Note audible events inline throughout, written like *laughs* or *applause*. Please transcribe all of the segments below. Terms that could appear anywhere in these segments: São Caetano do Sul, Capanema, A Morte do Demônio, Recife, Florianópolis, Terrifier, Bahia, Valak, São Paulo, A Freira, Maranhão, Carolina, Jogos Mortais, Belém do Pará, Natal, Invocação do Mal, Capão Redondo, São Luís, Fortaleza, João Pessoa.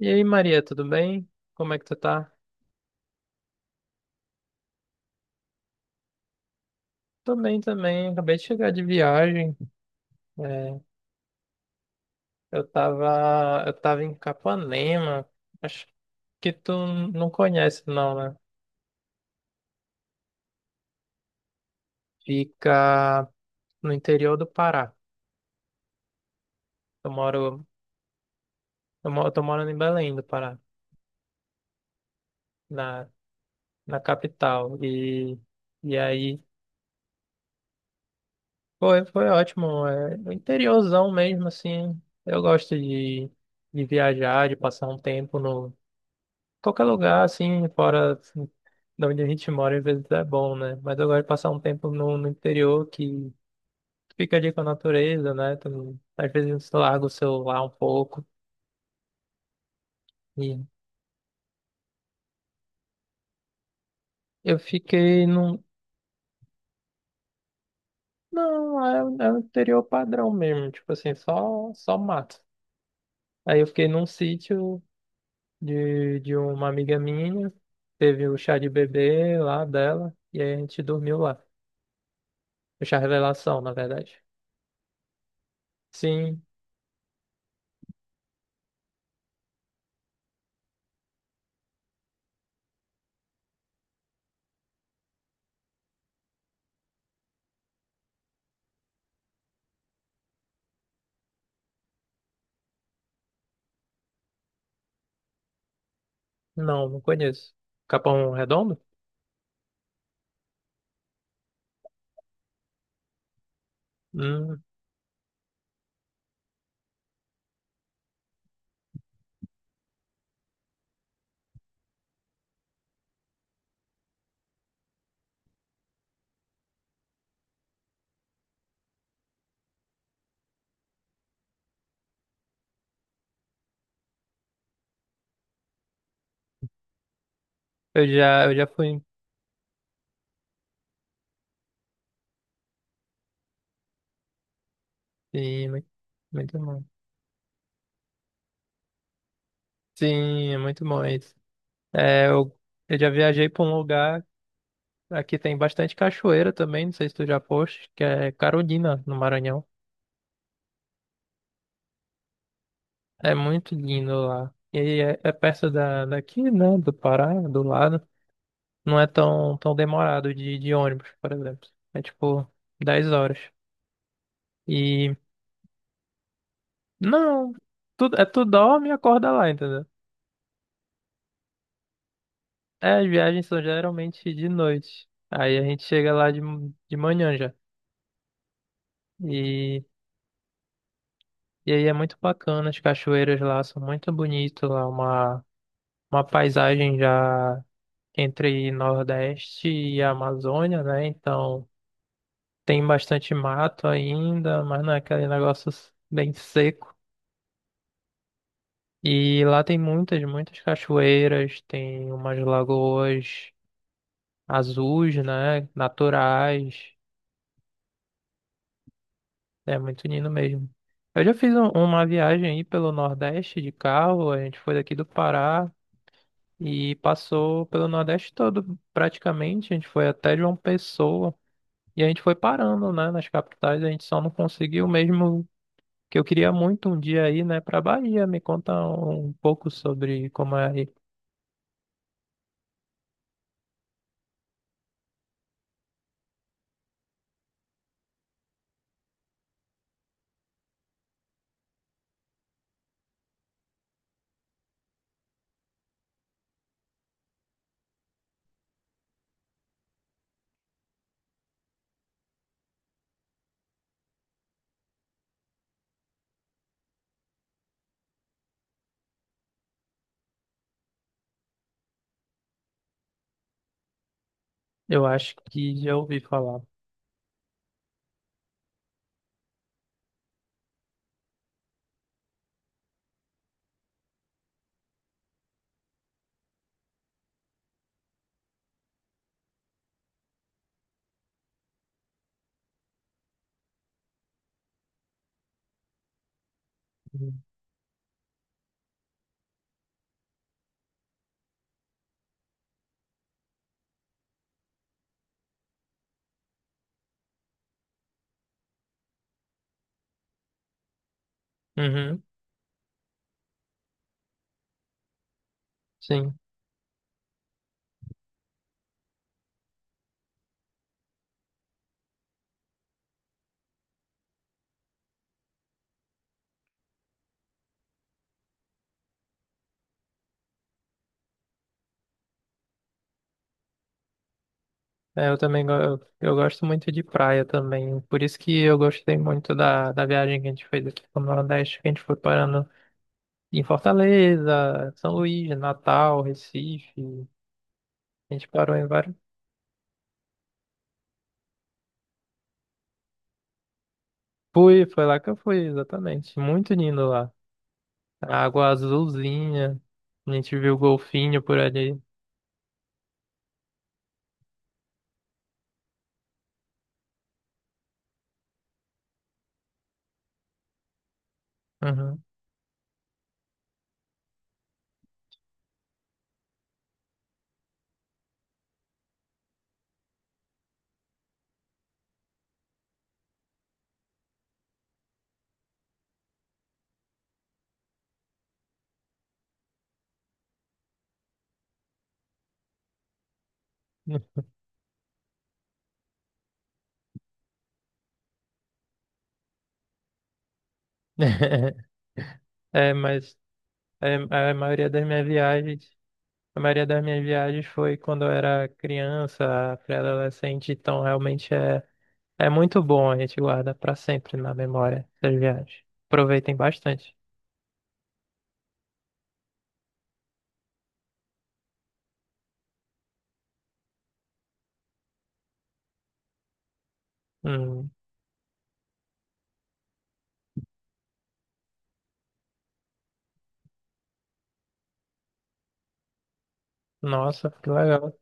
E aí, Maria, tudo bem? Como é que tu tá? Tô bem também, acabei de chegar de viagem. É, eu tava em Capanema. Acho que tu não conhece, não, né? Fica no interior do Pará. Eu moro, eu moro, tô morando em Belém do Pará, na, na capital. E aí, foi, foi ótimo. É, o interiorzão mesmo, assim. De viajar, de passar um tempo no qualquer lugar, assim, fora assim, de onde a gente mora, às vezes é bom, né? Mas eu gosto de passar um tempo no interior que fica ali com a natureza, né? Tu não- Às vezes você larga o celular um pouco. E eu fiquei num. Não, é, o é o interior padrão mesmo, tipo assim, só mato. Aí eu fiquei num sítio de uma amiga minha, teve o chá de bebê lá dela, e aí a gente dormiu lá. O chá revelação, na verdade. Sim, não, não conheço. Capão Redondo? Hum, eu já fui. Sim, muito, muito bom. Sim, é muito bom isso. É, eu, eu já viajei para um lugar, aqui tem bastante cachoeira também, não sei se tu já foste, que é Carolina, no Maranhão. É muito lindo lá. E é, é perto daqui, né, do Pará, do lado. Não é tão, tão demorado de ônibus, por exemplo. É tipo 10 horas. E, não, tu, é, tu dorme e acorda lá, entendeu? É, as viagens são geralmente de noite. Aí a gente chega lá de manhã já. E, e aí é muito bacana, as cachoeiras lá são muito bonitas lá, uma paisagem já entre Nordeste e Amazônia, né? Então tem bastante mato ainda, mas não é aquele negócio bem seco. E lá tem muitas, muitas cachoeiras, tem umas lagoas azuis, né? Naturais. É muito lindo mesmo. Eu já fiz uma viagem aí pelo Nordeste de carro, a gente foi daqui do Pará e passou pelo Nordeste todo, praticamente. A gente foi até João Pessoa e a gente foi parando, né, nas capitais. A gente só não conseguiu mesmo que eu queria muito um dia aí, né, pra Bahia. Me conta um pouco sobre como é aí. Eu acho que já ouvi falar. Uhum, sim. Eu gosto muito de praia também. Por isso que eu gostei muito da viagem que a gente fez aqui pro Nordeste, que a gente foi parando em Fortaleza, São Luís, Natal, Recife. A gente parou em vários. Fui, foi lá que eu fui, exatamente. Muito lindo lá. A água azulzinha. A gente viu golfinho por ali. Uhum. *laughs* É, mas é, a maioria das minhas viagens. A maioria das minhas viagens foi quando eu era criança, pré-adolescente, então realmente é, é muito bom, a gente guarda para sempre na memória essas viagens. Aproveitem bastante. Hum, nossa, que legal.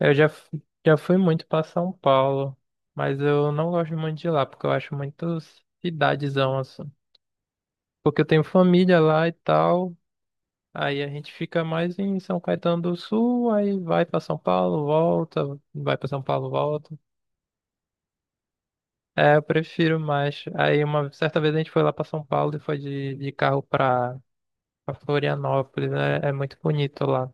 Já fui muito para São Paulo, mas eu não gosto muito de lá, porque eu acho muito cidadezão assim. Porque eu tenho família lá e tal, aí a gente fica mais em São Caetano do Sul, aí vai para São Paulo, volta, vai para São Paulo, volta. É, eu prefiro mais. Aí uma certa vez a gente foi lá pra São Paulo e foi de carro pra Florianópolis. Né? É, muito bonito lá.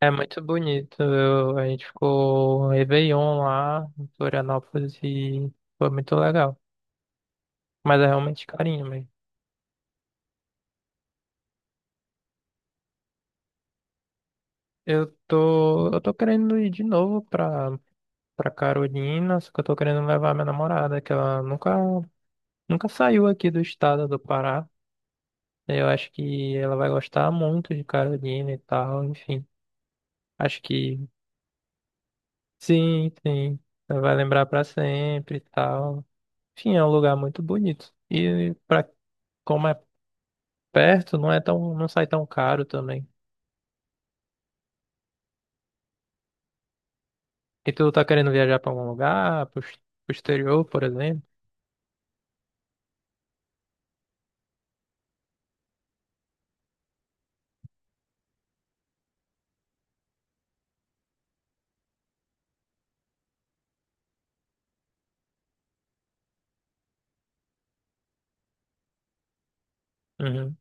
É muito bonito. A gente ficou um Réveillon lá em Florianópolis e foi muito legal. Mas é realmente carinho mesmo. Eu tô querendo ir de novo pra Carolina, só que eu tô querendo levar minha namorada, que ela nunca saiu aqui do estado do Pará. Eu acho que ela vai gostar muito de Carolina e tal, enfim. Acho que sim, sim. Ela vai lembrar pra sempre e tal. Enfim, é um lugar muito bonito. E pra, como é perto, não é tão, não sai tão caro também. E tu tá querendo viajar pra algum lugar, pro exterior, por exemplo? Uhum.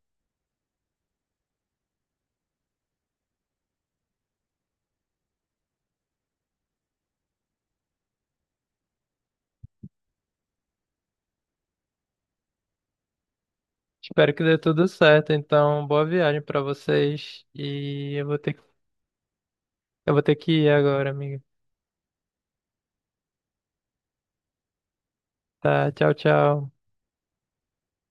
Espero que dê tudo certo. Então, boa viagem pra vocês. Eu vou ter que ir agora, amigo. Tá, tchau, tchau.